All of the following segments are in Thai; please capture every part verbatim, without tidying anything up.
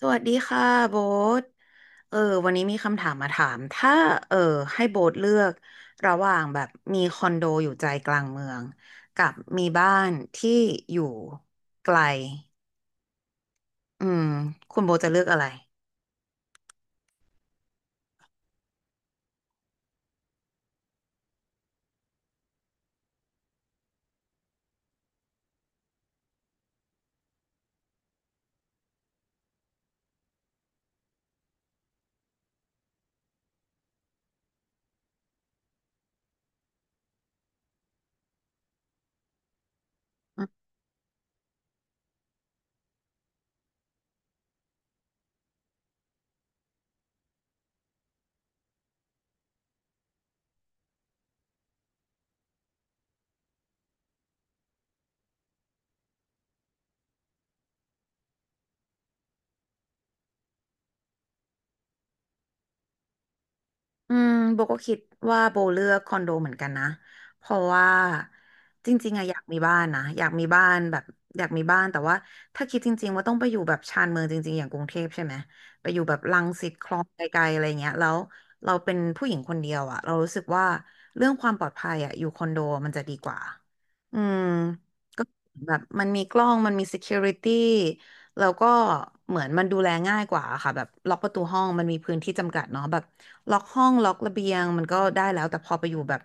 สวัสดีค่ะโบ๊ทเออวันนี้มีคำถามมาถาม ถ้าเออให้โบ๊ทเลือกระหว่างแบบมีคอนโดอยู่ใจกลางเมืองกับมีบ้านที่อยู่ไกลอืมคุณโบ๊ทจะเลือกอะไร อืมโบก็คิดว่าโบเลือกคอนโดเหมือนกันนะเพราะว่าจริงๆอะอยากมีบ้านนะอยากมีบ้านแบบอยากมีบ้านแต่ว่าถ้าคิดจริงๆว่าต้องไปอยู่แบบชานเมืองจริงๆอย่างกรุงเทพใช่ไหมไปอยู่แบบรังสิตคลองไกลๆอะไรเงี้ยแล้วเราเป็นผู้หญิงคนเดียวอะเรารู้สึกว่าเรื่องความปลอดภัยอะอยู่คอนโดมันจะดีกว่าอืมก็แบบมันมีกล้องมันมี security แล้วก็เหมือนมันดูแลง่ายกว่าค่ะแบบล็อกประตูห้องมันมีพื้นที่จำกัดเนาะแบบล็อกห้องล็อกระเบียงมันก็ได้แล้วแต่พอไปอยู่แบบ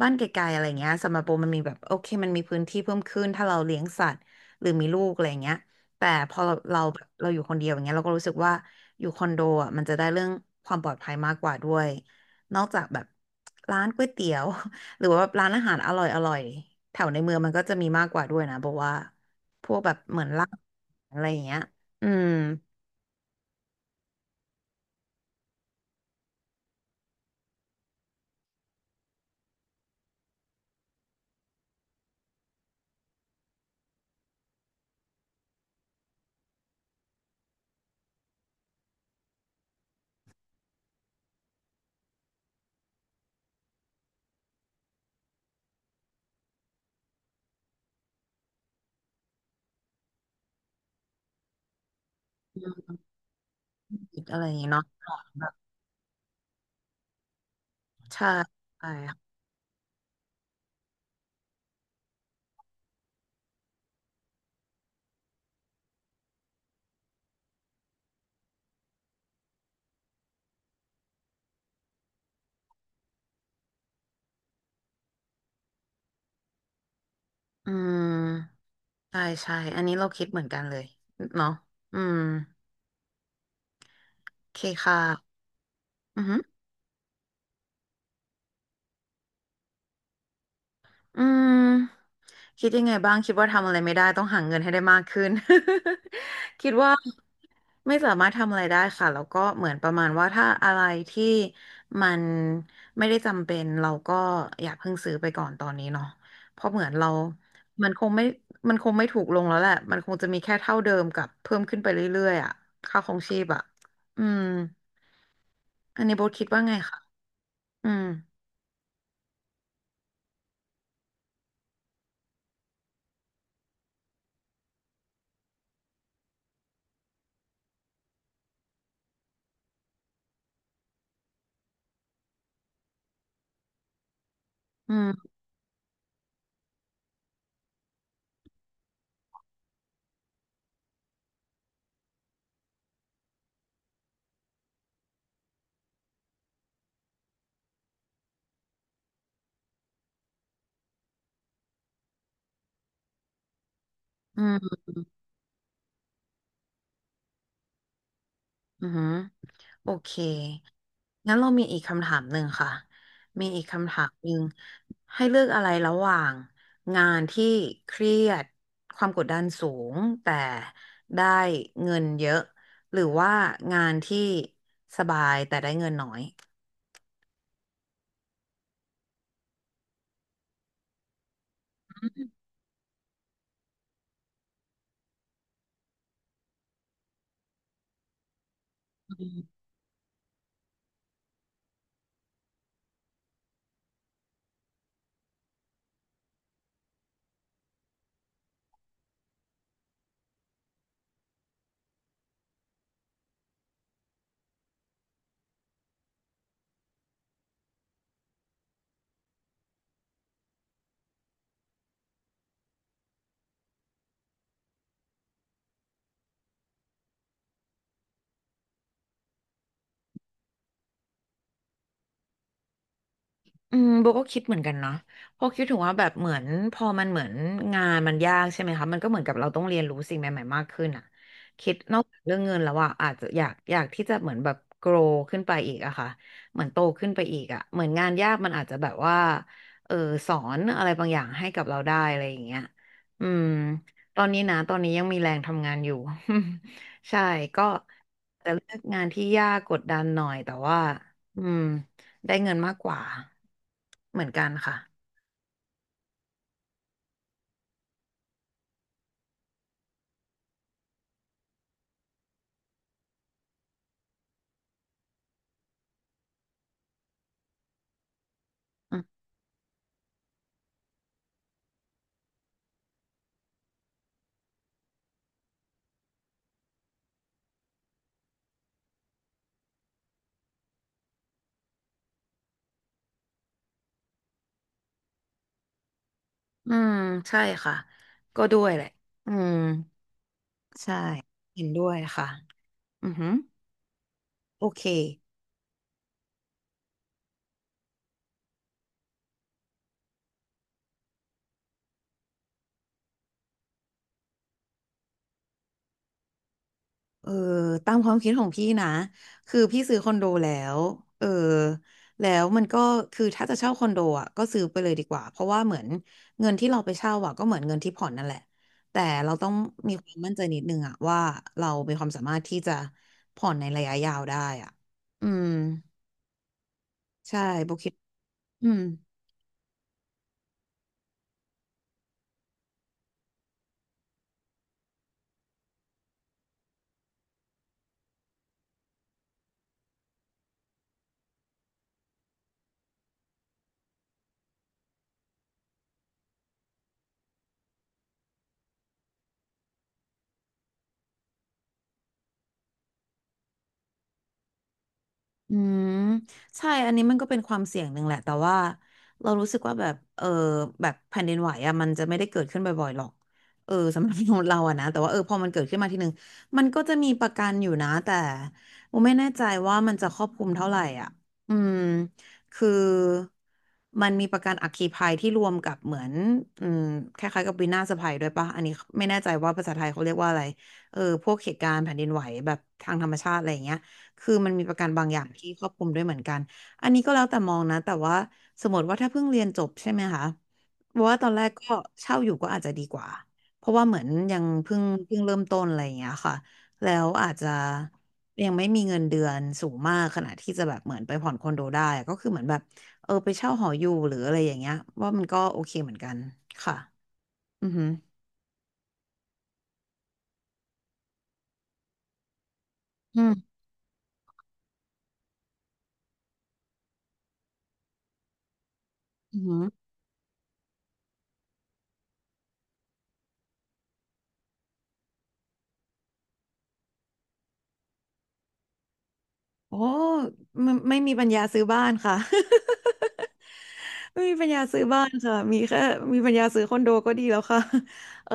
บ้านไกลๆอะไรเงี้ยสำหรับโบมันมีแบบโอเคมันมีพื้นที่เพิ่มขึ้นถ้าเราเลี้ยงสัตว์หรือมีลูกอะไรเงี้ยแต่พอเราเราแบบเราอยู่คนเดียวอย่างเงี้ยเราก็รู้สึกว่าอยู่คอนโดอ่ะมันจะได้เรื่องความปลอดภัยมากกว่าด้วยนอกจากแบบร้านก๋วยเตี๋ยว หรือว่าแบบร้านอาหารอร่อยๆแถวในเมืองมันก็จะมีมากกว่าด้วยนะโบว่า พวกแบบเหมือนล่างอะไรอย่างเงี้ยอืมคิดอะไรอย่างเงี้ยเนาะแบบใช่ใช่ค่ะอืมใช่ ใช่ อันนี้เราคิดเหมือนกันเลย เนาะอืม โอเคค่ะ อือฮึ อืมคิดยังไงบ้างคิดว่าทำอะไรไม่ได้ต้องหาเงินให้ได้มากขึ้น คิดว่าไม่สามารถทำอะไรได้ค่ะแล้วก็เหมือนประมาณว่าถ้าอะไรที่มันไม่ได้จำเป็นเราก็อย่าเพิ่งซื้อไปก่อนตอนนี้เนาะเพราะเหมือนเรามันคงไม่มันคงไม่ถูกลงแล้วแหละมันคงจะมีแค่เท่าเดิมกับเพิ่มขึ้นไปเรื่อยๆอ่ะค่าครองชีพอ่ะอืมอันนี้โบทคิดว่าไงคะอืมอืมอืมอืม โอเค งั้นเรามีอีกคำถามหนึ่งค่ะ มีอีกคำถามหนึ่งให้เลือกอะไรระหว่างงานที่เครียดความกดดันสูงแต่ได้เงินเยอะ หรือว่างานที่สบายแต่ได้เงินน้อย อืมโบก็คิดเหมือนกันเนาะเพอคิดถึงว่าแบบเหมือนพอมันเหมือนงานมันยากใช่ไหมคะมันก็เหมือนกับเราต้องเรียนรู้สิ่งใหม่ๆมากขึ้นอ่ะคิดนอกจากเรื่องเงินแล้วอ่ะอาจจะอยากอยากที่จะเหมือนแบบ grow ขึ้นไปอีกอะค่ะเหมือนโตขึ้นไปอีกอะ เหมือนงานยากมันอาจจะแบบว่าเออสอนอะไรบางอย่างให้กับเราได้อะไรอย่างเงี้ยอืมตอนนี้นะตอนนี้ยังมีแรงทำงานอยู่ ใช่ก็จะเลือกงานที่ยากกดดันหน่อยแต่ว่าอืม ได้เงินมากกว่าเหมือนกันค่ะอืมอืมใช่ค่ะก็ด้วยแหละอืมใช่เห็นด้วยค่ะอือหือโอเคเออตามความคิดของพี่นะคือพี่ซื้อคอนโดแล้วเออแล้วมันก็คือถ้าจะเช่าคอนโดอ่ะก็ซื้อไปเลยดีกว่าเพราะว่าเหมือนเงินที่เราไปเช่าอ่ะก็เหมือนเงินที่ผ่อนนั่นแหละแต่เราต้องมีความมั่นใจนิดนึงอ่ะว่าเรามีความสามารถที่จะผ่อนในระยะยาวได้อ่ะอืมใช่โบคิด อืมอืมใช่อันนี้มันก็เป็นความเสี่ยงหนึ่งแหละแต่ว่าเรารู้สึกว่าแบบเออแบบแผ่นดินไหวอะมันจะไม่ได้เกิดขึ้นบ่อยๆหรอกเออสำหรับคนษย์เราอะนะแต่ว่าเออพอมันเกิดขึ้นมาทีหนึ่งมันก็จะมีประกันอยู่นะแต่โมไม่แน่ใจว่ามันจะครอบคลุมเท่าไหร่อ่ะอืมคือมันมีประกันอัคคีภัยที่รวมกับเหมือนอืมคล้ายๆกับวินาศภัยด้วยปะอันนี้ไม่แน่ใจว่าภาษาไทยเขาเรียกว่าอะไรเออพวกเหตุการณ์แผ่นดินไหวแบบทางธรรมชาติอะไรอย่างเงี้ย คือมันมีประกันบางอย่างที่ครอบคลุมด้วยเหมือนกัน อันนี้ก็แล้วแต่มองนะแต่ว่าสมมติว่าถ้าเพิ่งเรียนจบใช่ไหมคะเพราะว่าตอนแรกก็เช่าอยู่ก็อาจจะดีกว่าเพราะว่าเหมือนยังเพิ่งเพิ่งเริ่มต้นอะไรอย่างเงี้ยค่ะแล้วอาจจะยังไม่มีเงินเดือนสูงมากขนาดที่จะแบบเหมือนไปผ่อนคอนโดได้อะก็คือเหมือนแบบเออไปเช่าหออยู่หรืออะไรอย่างเงี้ยว่ามันก็โอเคเหมือนกันค่ะอือหืออืมอืมโอ้ไม่ไม่มีปัญญาซื้อบ้านค่ะ ไม่มีปัญญาซื้อบ้านค่ะมีแค่มีปัญญาซื้อคอนโดก็ดีแล้วค่ะ เออ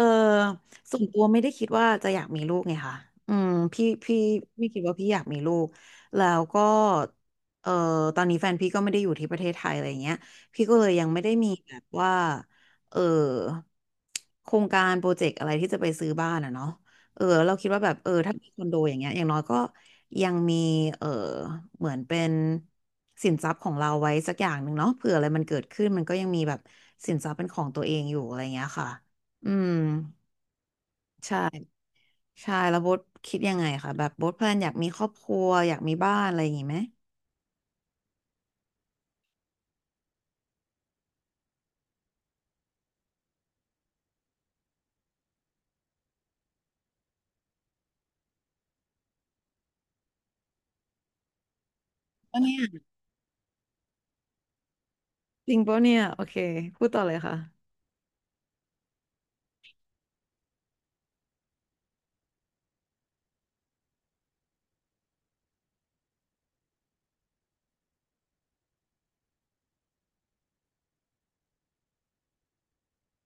ส่วนตัวไม่ได้คิดว่าจะอยากมีลูกไงค่ะอืมพี่พี่ไม่คิดว่าพี่อยากมีลูกแล้วก็เออตอนนี้แฟนพี่ก็ไม่ได้อยู่ที่ประเทศไทยอะไรอย่างเงี้ยพี่ก็เลยยังไม่ได้มีแบบว่าเออโครงการโปรเจกต์อะไรที่จะไปซื้อบ้านอ่ะเนาะ เออเราคิดว่าแบบเออถ้ามีคอนโดอย่างเงี้ยอย่างน้อยก็ยังมีเออเหมือนเป็นสินทรัพย์ของเราไว้สักอย่างหนึ่งเนาะเผื่ออะไรมันเกิดขึ้นมันก็ยังมีแบบสินทรัพย์เป็นของตัวเองอยู่อะไรเงี้ยค่ะอืมใช่ใช่แล้วโบ๊ทคิดยังไงคะแบบโบ๊ทแพลนอยากมีครอบครัวอยากมีบ้านอะไรอย่างงี้ไหมอันเนี้ยจริงปะเนี่ยโอเคพูดต่อเลยค่ะ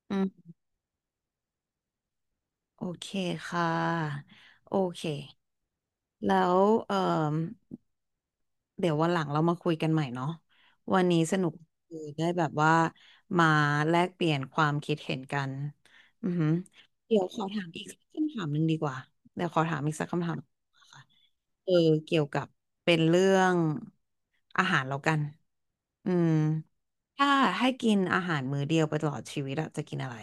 อืมโอเคค่ะโอเคแล้วเออ เดี๋ยววันหลังเรามาคุยกันใหม่เนาะวันนี้สนุกคืได้แบบว่ามาแลกเปลี่ยนความคิดเห็นกันอือหือเดี๋ยวขอถามอีกสักคำถามหนึ่งดีกว่าเดี๋ยวขอถามอีกสักคำถามค่ะเออเกี่ยวกับเป็นเรื่องอาหารแล้วกันอืมถ้าให้กินอาหารมื้อเดียวไปตลอดชีวิตอะจะกินอะไร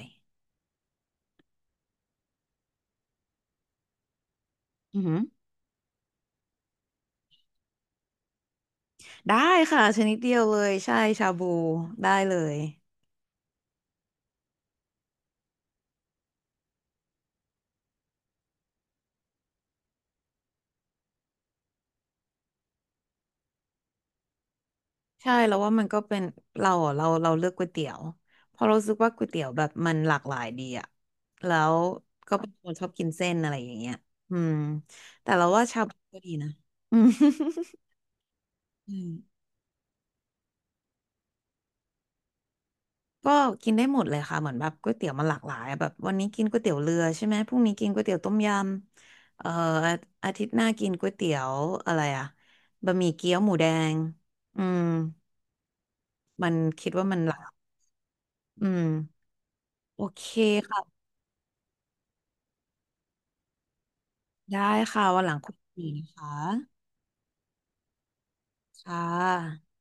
อือหือได้ค่ะชนิดเดียวเลยใช่ชาบูได้เลย ใช่แล้วว่ามันก็เป็นเราอะเราเราเลือกก๋วยเตี๋ยวเพราะเรารู้สึกว่าก๋วยเตี๋ยวแบบมันหลากหลายดีอะแล้วก็เป็นคนชอบกินเส้นอะไรอย่างเงี้ยอืมแต่เราว่าชาบูก็ดีนะ อืมอืมก็กินได้หมดเลยค่ะเหมือนแบบก๋วยเตี๋ยวมันหลากหลายอะแบบวันนี้กินก๋วยเตี๋ยวเรือใช่ไหมพรุ่งนี้กินก๋วยเตี๋ยวต้มยำเอ่ออาอาทิตย์หน้ากินก๋วยเตี๋ยวอะไรอะบะหมี่เกี๊ยวหมูแดงอืมมันคิดว่ามันหลากอืมโอเคค่ะ ได้ค่ะวันหลังคุยกันอีกนะคะค่ะ